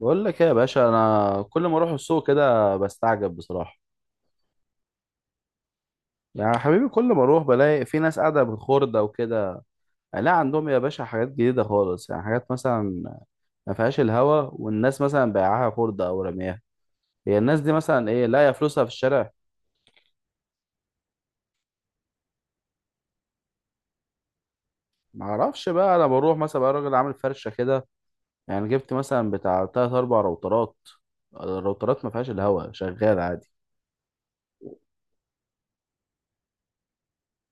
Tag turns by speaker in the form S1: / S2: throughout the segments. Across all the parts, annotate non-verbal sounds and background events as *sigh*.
S1: بقول لك ايه يا باشا؟ انا كل ما اروح السوق كده بستعجب بصراحه. يعني يا حبيبي، كل ما اروح بلاقي في ناس قاعده بالخردة وكده. يعني لا عندهم يا باشا حاجات جديده خالص، يعني حاجات مثلا ما فيهاش الهوا، والناس مثلا بايعاها خردة او رمياها. هي الناس دي مثلا ايه لاقيه فلوسها في الشارع؟ ما اعرفش بقى. انا بروح مثلا بقى راجل عامل فرشه كده، يعني جبت مثلا بتاع تلات اربع روترات. الروترات ما فيهاش الهوا، شغال عادي.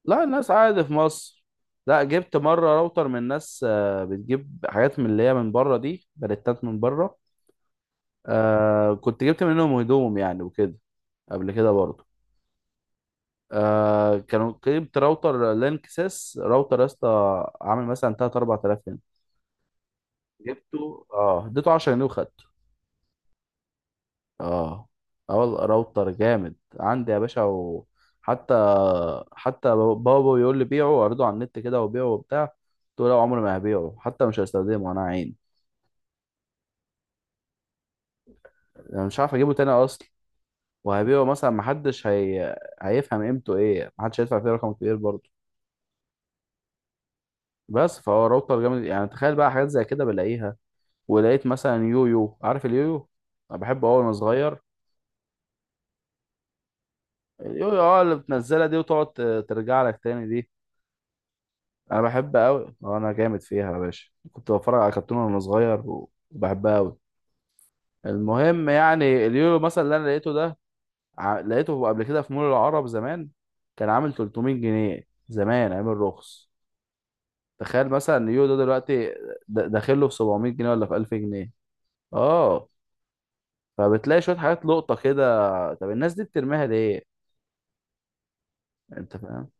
S1: لا، الناس عادي في مصر. لا، جبت مرة راوتر من ناس بتجيب حاجات من اللي هي من بره، دي بلتات من بره. آه، كنت جبت منهم هدوم يعني وكده، قبل كده برضه. آه، كانوا جبت راوتر لينك سيس، راوتر يا اسطى، عامل مثلا 3 4000 هنا. جبته، اديته 10 جنيه وخدته. اه. اه والله راوتر جامد عندي يا باشا. وحتى، حتى بابا بيقول لي بيعه واعرضه على النت كده وبيعه وبتاع، قلت له لا، عمري ما هبيعه، حتى مش هستخدمه انا عين. انا مش عارف اجيبه تاني اصلا. وهبيعه مثلا؟ محدش هيفهم قيمته ايه، محدش هيدفع فيه رقم كبير برضه. بس فهو راوتر جامد يعني. تخيل بقى حاجات زي كده بلاقيها. ولقيت مثلا يويو، عارف اليويو؟ انا بحبه أوي وانا صغير. اليويو، اه، اللي بتنزلها دي وتقعد ترجع لك تاني دي. انا بحب قوي، انا جامد فيها يا باشا، كنت بتفرج على كرتون وانا صغير، وبحبها قوي. المهم، يعني اليورو مثلا اللي انا لقيته ده، لقيته قبل كده في مول العرب زمان، كان عامل 300 جنيه، زمان عامل رخص. تخيل مثلا إن اليورو ده دلوقتي، داخل له في 700 جنيه ولا في 1000 جنيه. اه. فبتلاقي شويه حاجات لقطه كده. طب الناس دي بترميها ليه؟ انت فاهم.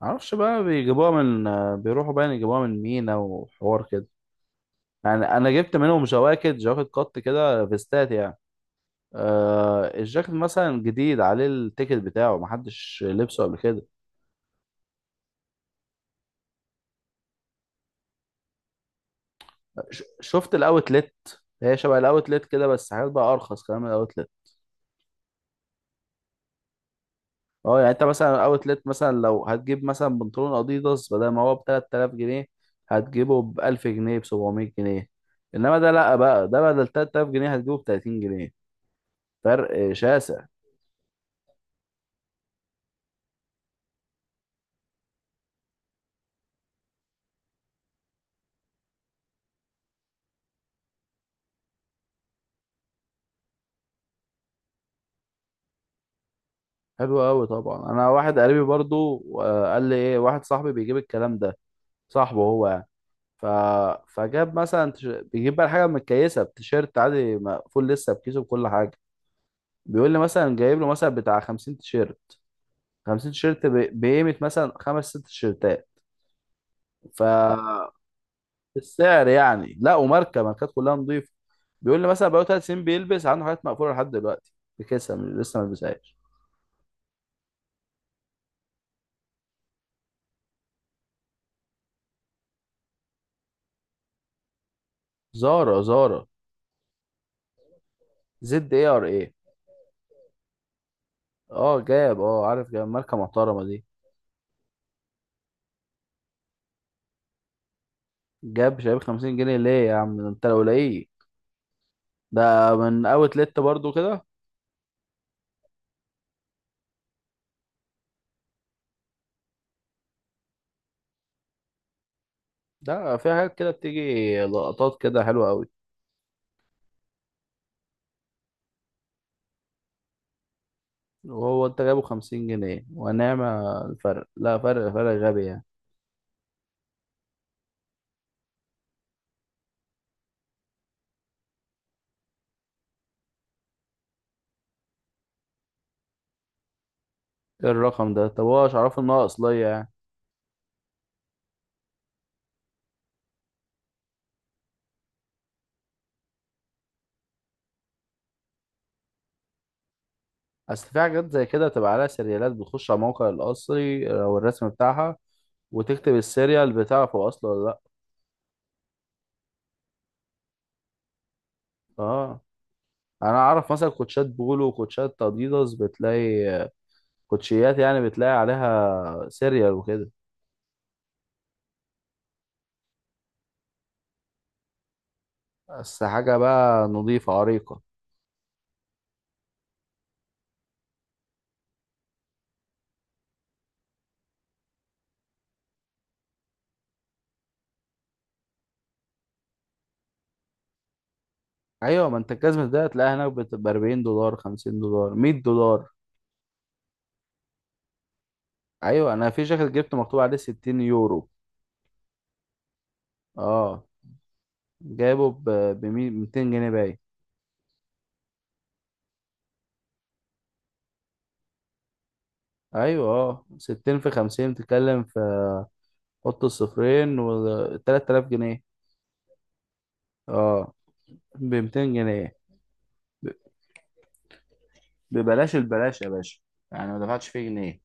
S1: معرفش بقى بيجيبوها من... بيروحوا بقى يجيبوها من مينا وحوار كده. يعني انا جبت منهم جواكت جواكت، قط كده فيستات يعني، آه الجاكيت مثلا جديد عليه التيكت بتاعه، محدش لبسه قبل كده. شفت الاوتلت؟ هي شبه الاوتلت كده، بس حاجات بقى ارخص كمان من الاوتلت. اه، يعني انت مثلا الاوتلت مثلا لو هتجيب مثلا بنطلون اديداس، بدل ما هو ب 3000 جنيه، هتجيبه ب 1000 جنيه، ب 700 جنيه. انما ده لا بقى، ده بدل 3000 جنيه هتجيبه ب 30 جنيه. فرق شاسع. حلو قوي طبعا. انا واحد قريبي برضو، آه، قال لي ايه، واحد صاحبي بيجيب الكلام ده، صاحبه هو يعني. ف... فجاب مثلا بيجيب بقى الحاجه متكيسه، بتيشيرت عادي مقفول لسه بكيسه، بكل حاجه. بيقول لي مثلا جايب له مثلا بتاع 50 تيشيرت، 50 تيشيرت بقيمه مثلا خمس ست تيشيرتات. ف *laughs* السعر يعني، لا وماركه، ماركات كلها نظيفه. بيقول لي مثلا بقاله 3 سنين بيلبس عنده حاجات مقفوله لحد دلوقتي، بكيسه لسه ما لبسهاش. زارا، زارا. Zara. اه جاب، عارف جاب ماركة محترمة دي. جاب شايب 50 جنيه ليه يا عم ده؟ انت لو لاقيه ده من اوت لت برضو كده، ده في حاجات كده بتيجي لقطات كده حلوة قوي. وهو انت جايبه 50 جنيه؟ ونعم. الفرق لا، فرق غبي يعني. ايه الرقم ده؟ طب هو مش عارف ان هو اصلية يعني؟ اصل في حاجات زي كده تبقى عليها سيريالات، بتخش على موقع الاصلي او الرسم بتاعها، وتكتب السيريال بتاعه هو اصله ولا لا. اه، انا اعرف مثلا كوتشات بولو وكوتشات اديداس، بتلاقي كوتشيات يعني بتلاقي عليها سيريال وكده، بس حاجة بقى نظيفة عريقة. أيوة، ما أنت الجزمة ده هتلاقيها هناك بتبقى 40 دولار، 50 دولار، 100 دولار. أيوة، أنا في جاكيت جبته مكتوب عليه 60 يورو. أه، جايبه ب 200 جنيه باين. أيوة، أه، 60 في 50 بتتكلم في... حط الصفرين، و 3000 جنيه. أه، ب 200 جنيه. ب- ببلاش، البلاش يا باشا، يعني ما دفعتش فيه جنيه.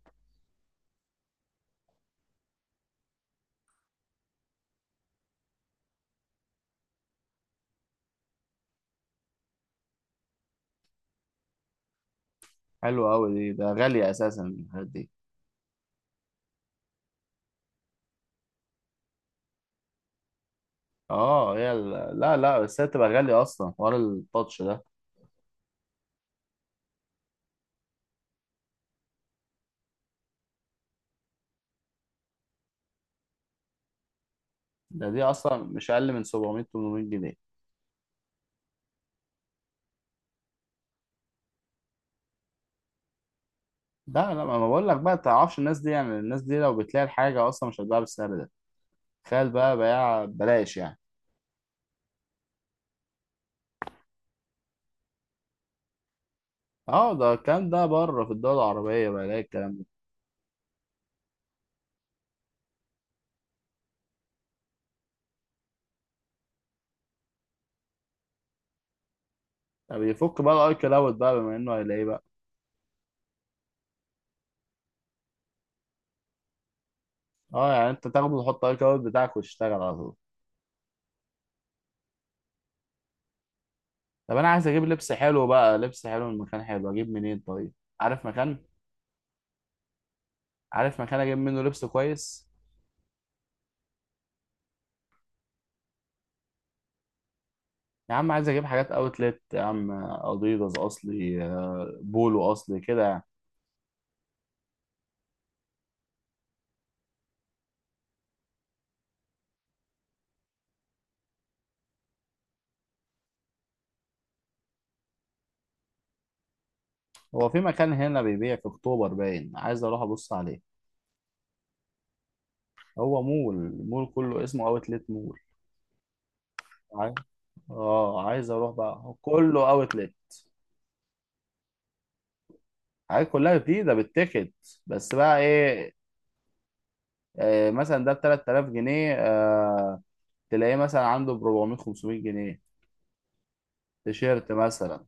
S1: حلو أوي دي، ده غالية أساسا، الحاجات دي. اه، هي لا لا، بس هي بتبقى غالية أصلا حوار التاتش ده دي أصلا مش أقل من 700، 800 جنيه. لا لا، ما أنا بقول لك بقى، تعرفش الناس دي، يعني الناس دي لو بتلاقي الحاجة أصلا مش هتباع بالسعر ده. تخيل بقى بيع بلاش يعني. اه، ده الكلام ده بره في الدول العربية بقى يلاقي الكلام ده. طب يفك بقى الأي كلاود بقى، بما إنه هيلاقيه بقى. اه يعني أنت تاخده وتحط الأي كلاود بتاعك وتشتغل على طول. طب أنا عايز أجيب لبس حلو بقى، لبس حلو من مكان حلو، أجيب منين طيب؟ عارف مكان؟ عارف مكان أجيب منه لبس كويس؟ يا عم عايز اجيب حاجات اوتلت يا عم، اديداس اصلي، آه، بولو اصلي كده يعني. هو في مكان هنا بيبيع في اكتوبر باين، عايز اروح ابص عليه. هو مول، مول كله اسمه اوتلت مول. عاي- اه عايز اروح بقى، كله اوتلت، حاجات كلها بتيجي ده بالتيكت. بس بقى ايه؟ آه مثلا ده ب 3000 جنيه آه، تلاقيه مثلا عنده ب 400، 500 جنيه. تيشيرت مثلا.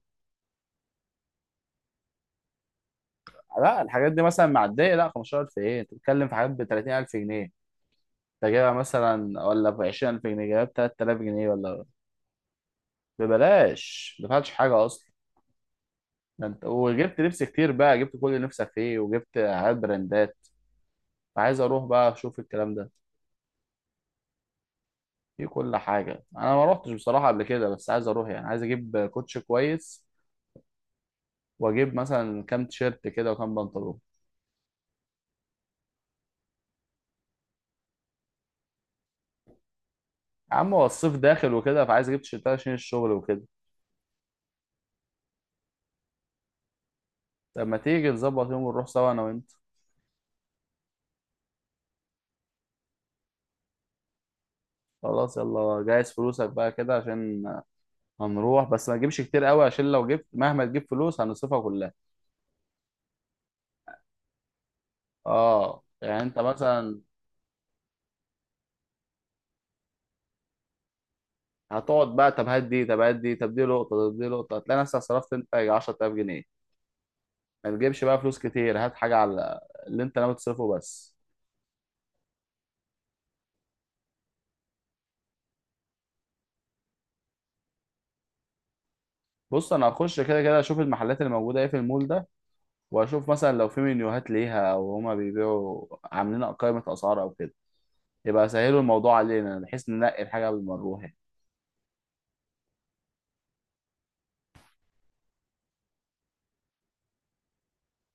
S1: لا، الحاجات دي مثلا معديه لا 15000، ايه؟ انت بتتكلم في حاجات ب 30000 جنيه انت جايبها مثلا، ولا ب 20000 جنيه جايبها ب 3000 جنيه، ولا ببلاش ما دفعتش حاجه اصلا. ده انت وجبت لبس كتير بقى، جبت كل اللي نفسك فيه وجبت حاجات براندات. فعايز اروح بقى اشوف الكلام ده، في كل حاجه. انا ما روحتش بصراحه قبل كده بس عايز اروح، يعني عايز اجيب كوتش كويس واجيب مثلا كام تيشيرت كده وكام بنطلون. يا عم هو الصيف داخل وكده، فعايز اجيب تيشيرتات عشان الشغل وكده. طب ما تيجي نظبط يوم ونروح سوا انا وانت؟ خلاص يلا جهز فلوسك بقى كده عشان هنروح. بس ما تجيبش كتير قوي، عشان لو جبت مهما تجيب فلوس هنصرفها كلها. اه يعني انت مثلا هتقعد بقى، طب هات دي، طب هات دي، طب دي لقطه، طب دي لقطه، هتلاقي نفسك صرفت انت يجي 10000 جنيه. ما تجيبش بقى فلوس كتير، هات حاجه على اللي انت ناوي تصرفه بس. بص، انا هخش كده كده اشوف المحلات اللي موجوده ايه في المول ده، واشوف مثلا لو في منيوهات ليها او هما بيبيعوا عاملين قائمه اسعار او كده، يبقى سهلوا الموضوع علينا بحيث ننقي الحاجه قبل ما نروح يعني.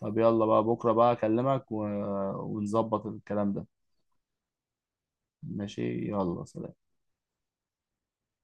S1: طب يلا بقى بكره بقى اكلمك ونظبط الكلام ده. ماشي، يلا سلام.